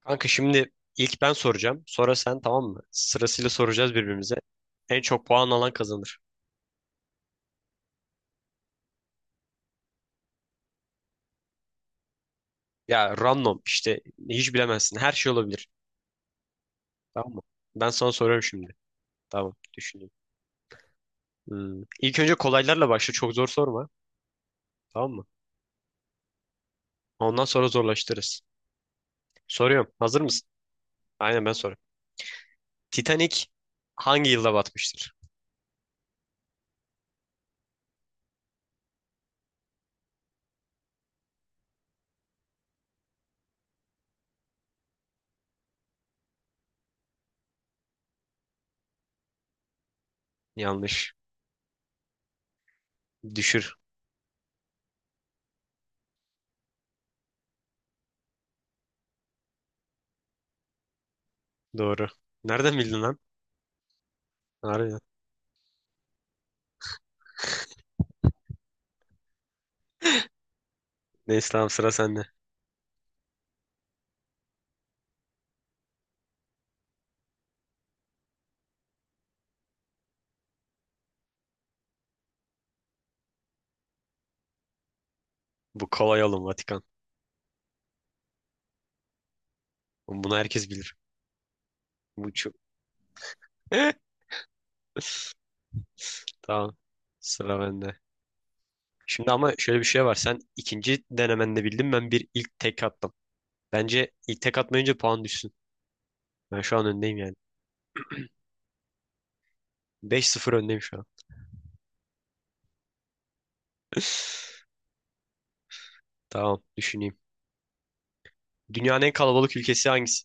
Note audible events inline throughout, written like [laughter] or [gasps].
Kanka şimdi ilk ben soracağım. Sonra sen, tamam mı? Sırasıyla soracağız birbirimize. En çok puan alan kazanır. Ya random işte, hiç bilemezsin. Her şey olabilir. Tamam mı? Ben sana soruyorum şimdi. Tamam, düşüneyim. Hmm. İlk önce kolaylarla başla. Çok zor sorma. Tamam mı? Ondan sonra zorlaştırırız. Soruyorum. Hazır mısın? Aynen, ben soruyorum. Titanic hangi yılda batmıştır? Yanlış. Düşür. Doğru. Nereden bildin lan? Harbiden. Neyse tamam, sıra sende. Bu kolay oğlum, Vatikan. Bunu herkes bilir. Bu çok... [laughs] Tamam. Sıra bende. Şimdi ama şöyle bir şey var. Sen ikinci denemende bildin. Ben bir ilk tek attım. Bence ilk tek atmayınca puan düşsün. Ben şu an öndeyim yani. 5-0 öndeyim şu an. [laughs] Tamam. Düşüneyim. Dünyanın en kalabalık ülkesi hangisi?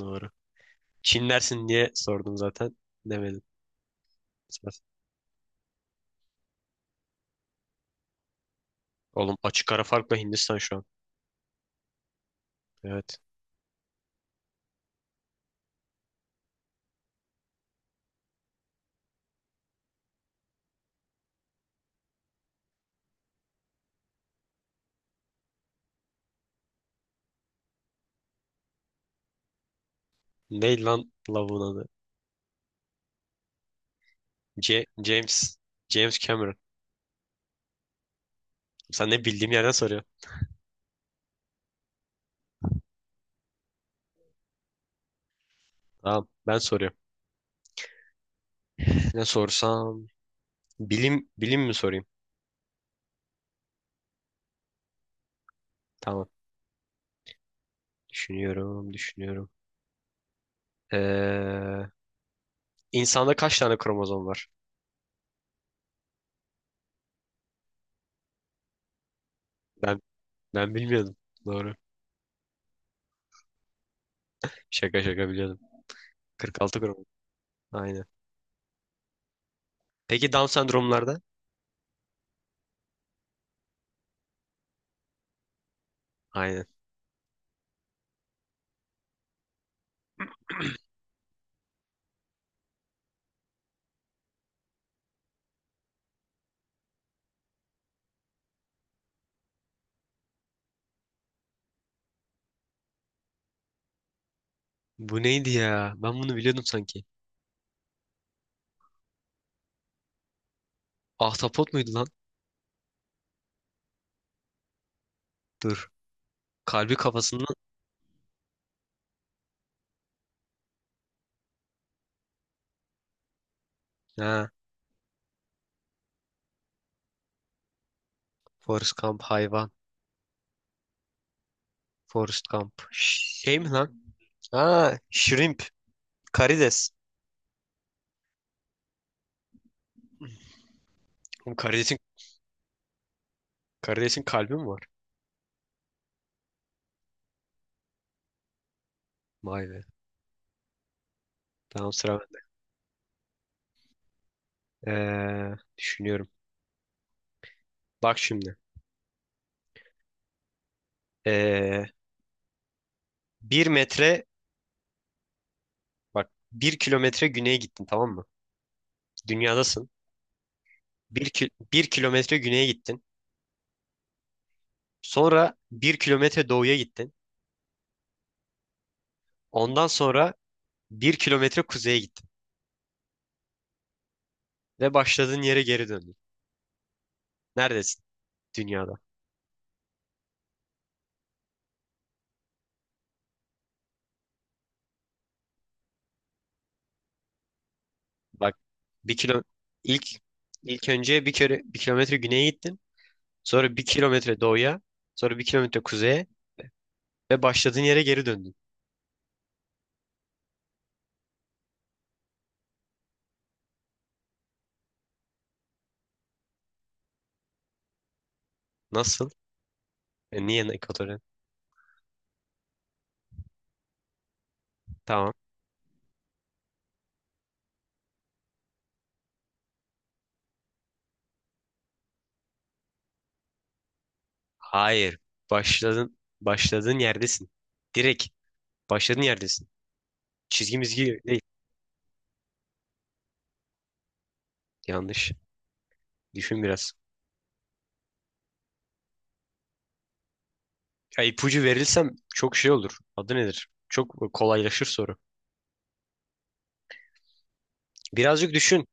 Doğru. Çin dersin diye sordum zaten. Demedim. Oğlum, açık ara farkla Hindistan şu an. Evet. Ney lan lavuğun adı? C James. James Cameron. Sen ne bildiğim yerden soruyor. Tamam. Ben soruyorum. Ne sorsam? Bilim bilim mi sorayım? Tamam. Düşünüyorum, düşünüyorum. Ee, insanda kaç tane kromozom var? Ben ben bilmiyordum. Doğru. Şaka şaka biliyordum. 46 kromozom. Aynen. Peki Down sendromlarda? Aynen. Bu neydi ya? Ben bunu biliyordum sanki. Ahtapot muydu lan? Dur. Kalbi kafasından. Ha. Forrest Gump hayvan. Forrest Gump. Şey mi lan? Ha. Shrimp. Karides. Oğlum karidesin kalbi mi var? Vay be. Tamam, sıra bende. Düşünüyorum. Bak şimdi. Ee, Bir metre bak bir kilometre güneye gittin, tamam mı? Dünyadasın. Bir kilometre güneye gittin. Sonra bir kilometre doğuya gittin. Ondan sonra bir kilometre kuzeye gittin. Ve başladığın yere geri döndün. Neredesin dünyada? Bak, bir kilo ilk ilk önce bir kere bir kilometre güneye gittin. Sonra bir kilometre doğuya. Sonra bir kilometre kuzeye. Ve başladığın yere geri döndün. Nasıl? Niye ekvatorya? Tamam. Hayır. Başladın. Başladığın yerdesin. Direkt başladığın yerdesin. Çizgi mizgi değil. Yanlış. Düşün biraz. Ya ipucu verilsem çok şey olur. Adı nedir? Çok kolaylaşır soru. Birazcık düşün.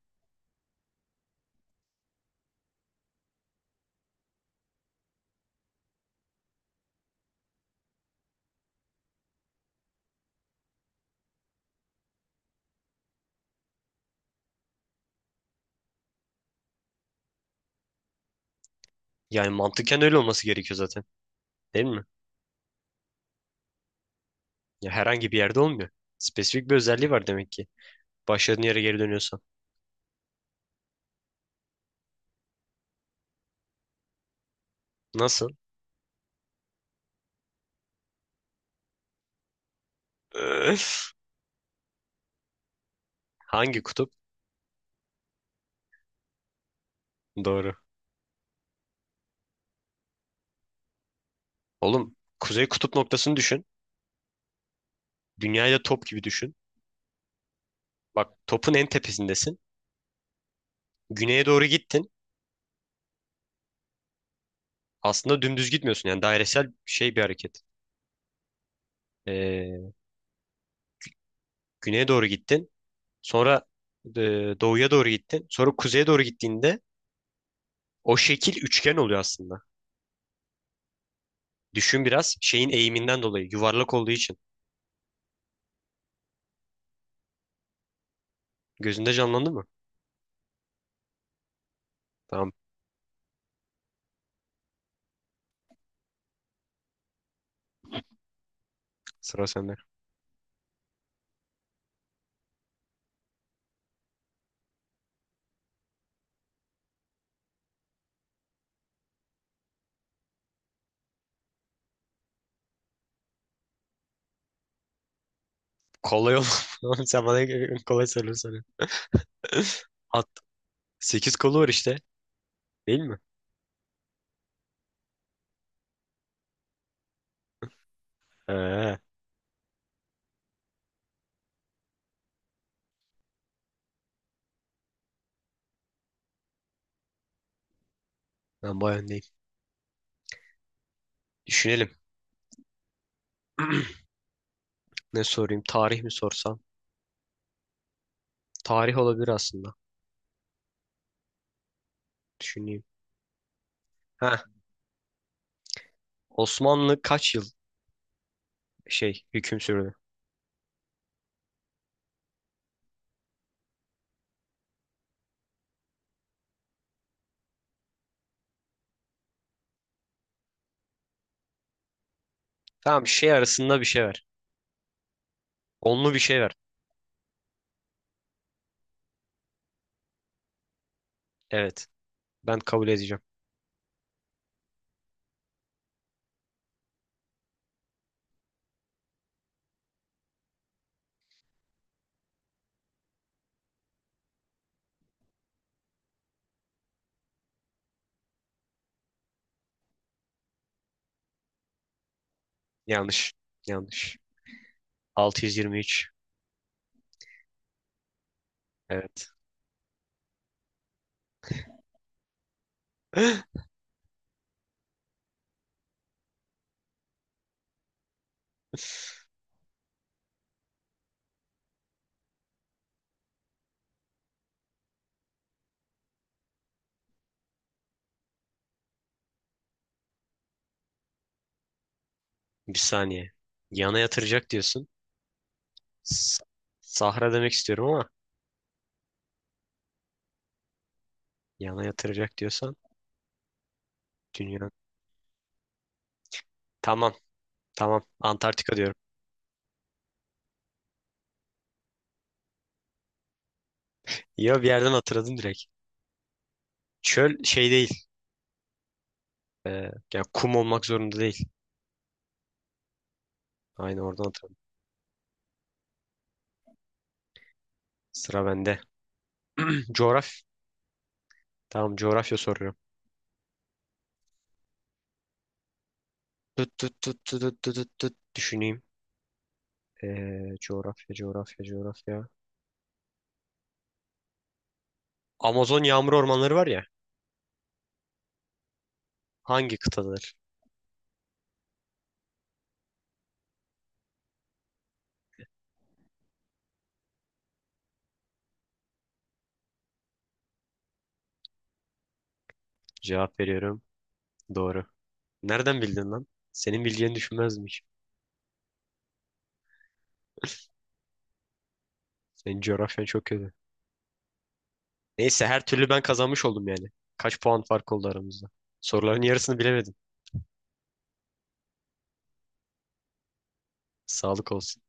Yani mantıken öyle olması gerekiyor zaten. Değil mi? Ya herhangi bir yerde olmuyor. Spesifik bir özelliği var demek ki. Başladığın yere geri dönüyorsan. Nasıl? Öf. Hangi kutup? Doğru. Oğlum, kuzey kutup noktasını düşün. Dünyayı da top gibi düşün. Bak, topun en tepesindesin. Güneye doğru gittin. Aslında dümdüz gitmiyorsun. Yani dairesel şey bir hareket. Ee, Güneye doğru gittin. Sonra e, doğuya doğru gittin. Sonra kuzeye doğru gittiğinde o şekil üçgen oluyor aslında. Düşün biraz, şeyin eğiminden dolayı yuvarlak olduğu için. Gözünde canlandı mı? Tamam, sıra sende. Kolay ol. [laughs] Sen bana kolay soruları soruyorsun. [laughs] At. Sekiz kolu var işte. Değil mi? Ee, Ben bayağı öndeyim. Düşünelim. [clears throat] Ne sorayım? Tarih mi sorsam? Tarih olabilir aslında. Düşüneyim. Heh. Osmanlı kaç yıl şey hüküm sürdü? Tamam, şey arasında bir şey ver. Onlu bir şey ver. Evet. Ben kabul edeceğim. Yanlış. Yanlış. 623. Evet. [gasps] Bir saniye. Yana yatıracak diyorsun. S- Sahra demek istiyorum ama yana yatıracak diyorsan dünya. Tamam. Tamam. Antarktika diyorum. Ya bir yerden hatırladım direkt. Çöl şey değil. Ya kum olmak zorunda değil. Aynı oradan hatırladım. Sıra bende. [clears throat] Coğraf. Tamam, coğrafya soruyorum. Tut tut tut tut tut tut tut tut. Düşüneyim. Coğrafya coğrafya coğrafya. Amazon yağmur ormanları var ya. Hangi kıtadır? Cevap veriyorum. Doğru. Nereden bildin lan? Senin bileceğini düşünmezmiş. Senin coğrafyan çok kötü. Neyse her türlü ben kazanmış oldum yani. Kaç puan fark oldu aramızda? Soruların yarısını bilemedim. Sağlık olsun.